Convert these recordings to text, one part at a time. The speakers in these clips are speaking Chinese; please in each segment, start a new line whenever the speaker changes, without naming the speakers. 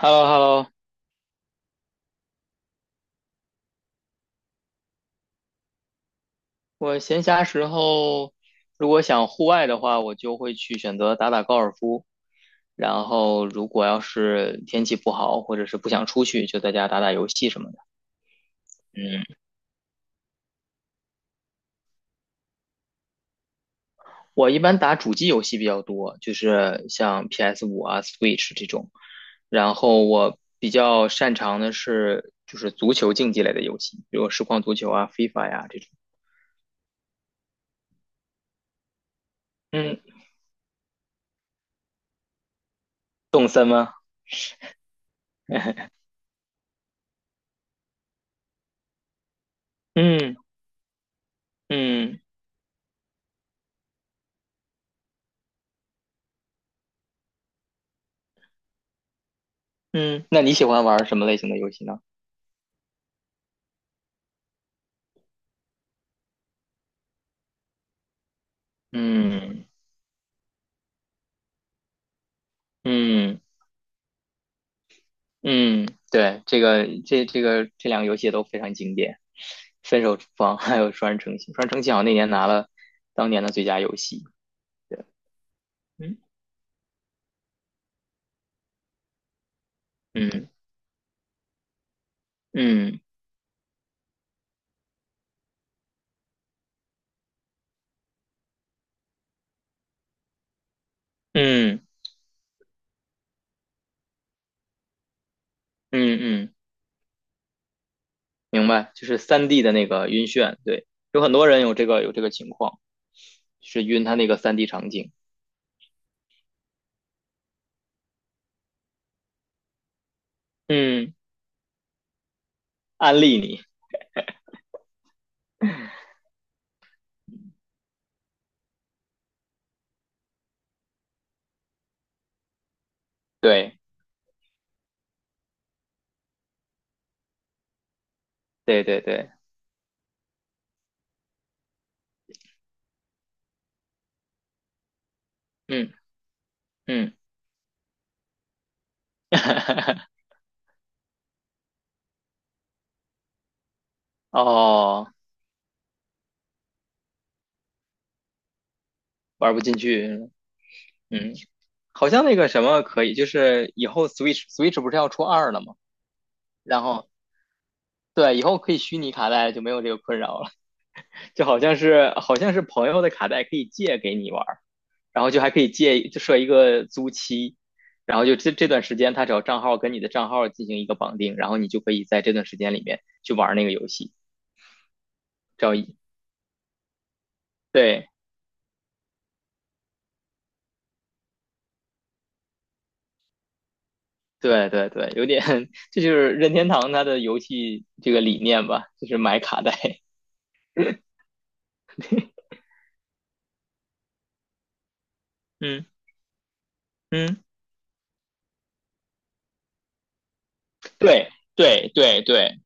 h e l l o h e l l o 我闲暇时候如果想户外的话，我就会去选择打打高尔夫。然后如果要是天气不好，或者是不想出去，就在家打打游戏什么的。嗯，我一般打主机游戏比较多，就是像 p s 五啊、Switch 这种。然后我比较擅长的是足球竞技类的游戏，比如实况足球啊、FIFA 呀、这种。嗯，什么？嗯嗯嗯，那你喜欢玩什么类型的游戏呢？嗯。嗯嗯，对，这这两个游戏也都非常经典，《分手厨房》还有《双人成行》，《双人成行》好像那年拿了当年的最佳游戏。对，嗯嗯嗯嗯嗯嗯，明白，就是三 d 的那个晕眩，对，有很多人有这个情况，是晕他那个三 d 场景。嗯，安利你，对对对对，嗯嗯，哦，玩不进去，嗯。好像那个什么可以，就是以后 Switch 不是要出二了吗？然后对，以后可以虚拟卡带，就没有这个困扰了。就好像是朋友的卡带可以借给你玩儿，然后就还可以借，就设一个租期，然后就这段时间他只要账号跟你的账号进行一个绑定，然后你就可以在这段时间里面去玩那个游戏。只要一对对对对，有点 这就是任天堂它的游戏这个理念吧，就是买卡带。嗯嗯，对对对对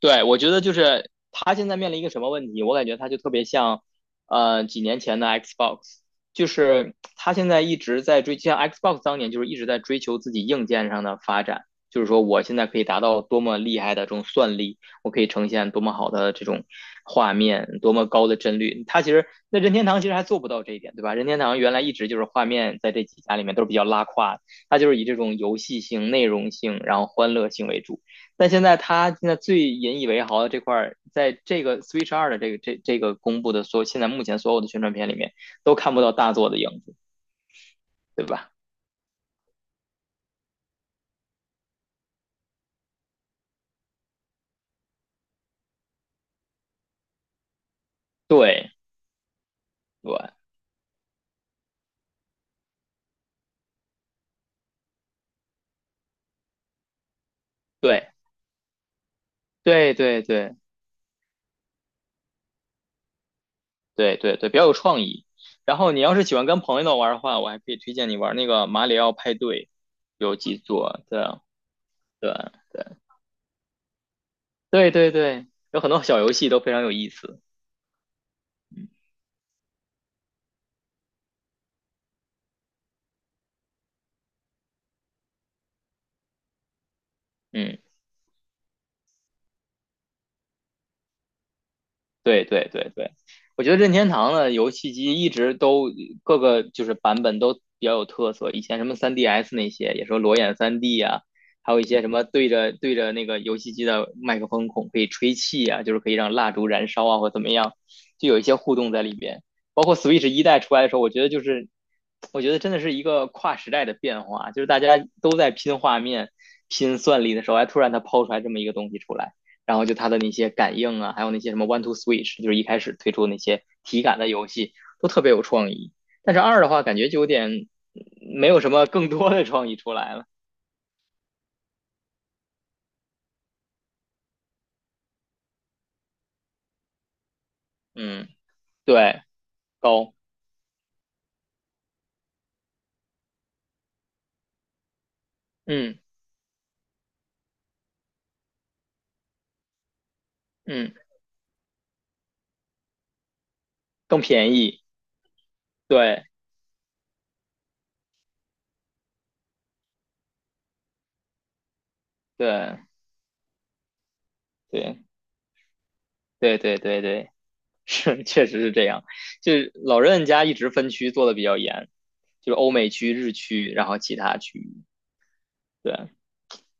对，我觉得就是他现在面临一个什么问题？我感觉他就特别像，几年前的 Xbox，就是他现在一直在追，像 Xbox 当年就是一直在追求自己硬件上的发展，就是说我现在可以达到多么厉害的这种算力，我可以呈现多么好的这种画面，多么高的帧率。他其实那任天堂其实还做不到这一点，对吧？任天堂原来一直就是画面在这几家里面都是比较拉胯的，它就是以这种游戏性、内容性，然后欢乐性为主。但现在他现在最引以为豪的这块在这个 Switch 二的这个公布的所有现在目前所有的宣传片里面，都看不到大作的影子，对吧？对对对对对对对对对，比较有创意。然后你要是喜欢跟朋友玩的话，我还可以推荐你玩那个《马里奥派对》，有几座，对对对对对对，有很多小游戏都非常有意思。嗯嗯。对对对对，我觉得任天堂的游戏机一直都各个就是版本都比较有特色。以前什么 3DS 那些，也说裸眼 3D 啊，还有一些什么对着那个游戏机的麦克风孔可以吹气啊，就是可以让蜡烛燃烧啊或怎么样，就有一些互动在里边。包括 Switch 一代出来的时候，我觉得真的是一个跨时代的变化，就是大家都在拼画面、拼算力的时候，哎，突然它抛出来这么一个东西出来。然后就它的那些感应啊，还有那些什么 One to Switch，就是一开始推出那些体感的游戏都特别有创意。但是二的话，感觉就有点没有什么更多的创意出来了。嗯，对，高，嗯嗯，更便宜，对对对对对对对，是确实是这样。就是老任家一直分区做的比较严，就是欧美区、日区，然后其他区域，对。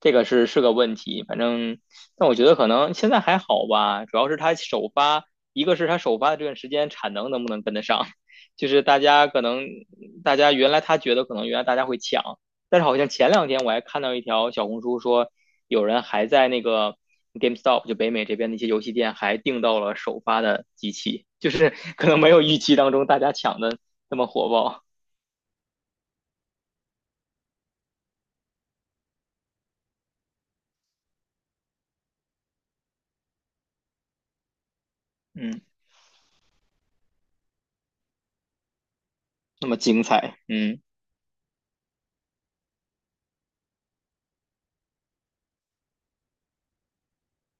这个是是个问题，反正，但我觉得可能现在还好吧，主要是他首发，一个是他首发的这段时间产能能不能跟得上，就是大家可能大家原来他觉得可能原来大家会抢，但是好像前两天我还看到一条小红书说，有人还在那个 GameStop 就北美这边的一些游戏店还订到了首发的机器，就是 可能没有预期当中大家抢的那么火爆，嗯，那么精彩，嗯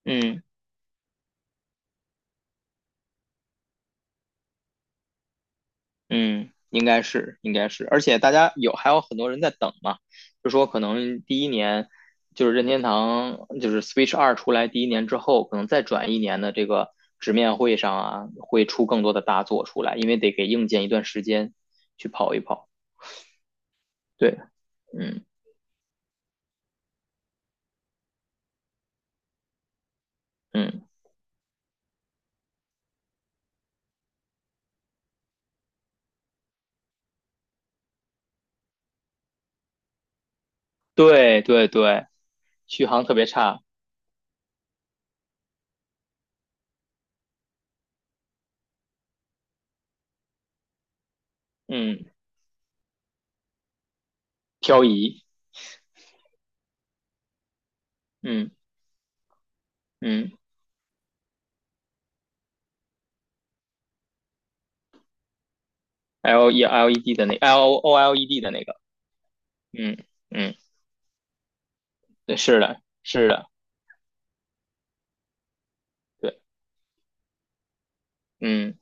嗯。嗯，应该是，应该是，而且大家有还有很多人在等嘛，就说可能第一年就是任天堂就是 Switch 二出来第一年之后，可能再转一年的这个直面会上啊，会出更多的大作出来，因为得给硬件一段时间去跑一跑。对，嗯嗯，对对对，续航特别差，嗯，漂移，嗯嗯，L O L E D 的那个，嗯嗯，对，是的，是的，对，嗯。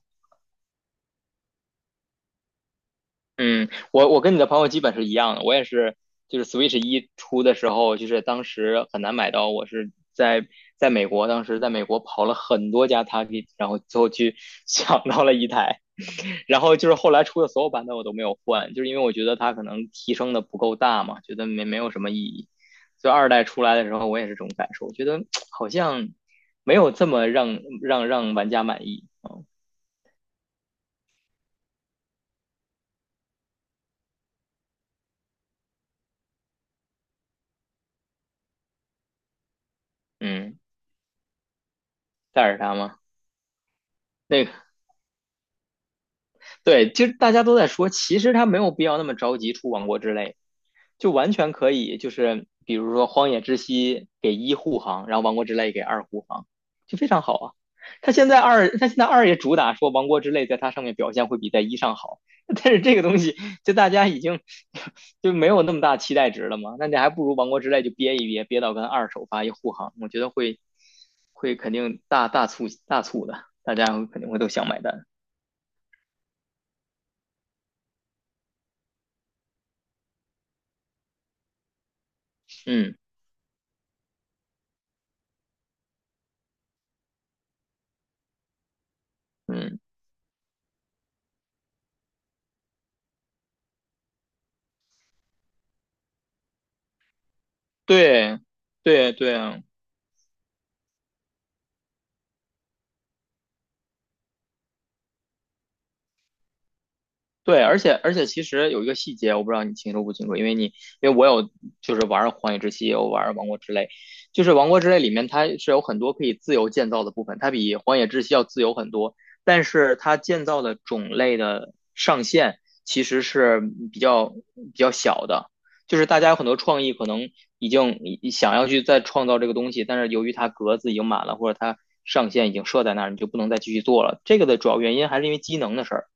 嗯，我跟你的朋友基本是一样的，我也是，就是 Switch 一出的时候，就是当时很难买到，我是在在美国，当时在美国跑了很多家 Target，然后最后去 抢到了一台，然后就是后来出的所有版本我都没有换，就是因为我觉得它可能提升的不够大嘛，觉得没有什么意义。所以二代出来的时候，我也是这种感受，我觉得 好像没有这么让玩家满意。嗯，嗯塞尔达吗？那个。对，其实大家都在说，其实他没有必要那么着急出王国之泪，就完全可以，就是比如说《荒野之息》给一护航，然后王国之泪给二护航，就非常好啊。他现在二也主打说王国之泪在它上面表现会比在一上好，但是这个东西就大家已经就没有那么大期待值了嘛，那你还不如王国之泪就憋一憋，憋到跟二首发一护航，我觉得会肯定大促的，大家肯定会都想买单，嗯嗯。对，对对啊，对，而且其实有一个细节，我不知道你清楚不清楚，因为我有就是玩儿《荒野之息》，也有玩儿《王国之泪》，就是《王国之泪》里面它是有很多可以自由建造的部分，它比《荒野之息》要自由很多，但是它建造的种类的上限其实是比较比较小的，就是大家有很多创意可能已经想要去再创造这个东西，但是由于它格子已经满了，或者它上限已经设在那儿，你就不能再继续做了。这个的主要原因还是因为机能的事儿。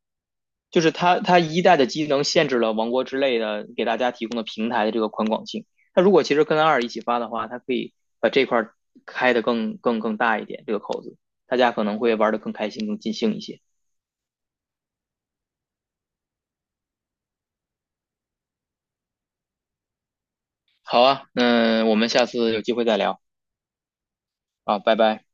就是它一代的机能限制了王国之类的给大家提供的平台的这个宽广性。它如果其实跟二一起发的话，它可以把这块开得更大一点，这个口子，大家可能会玩得更开心、更尽兴一些。好啊，那我们下次有机会再聊啊，拜拜。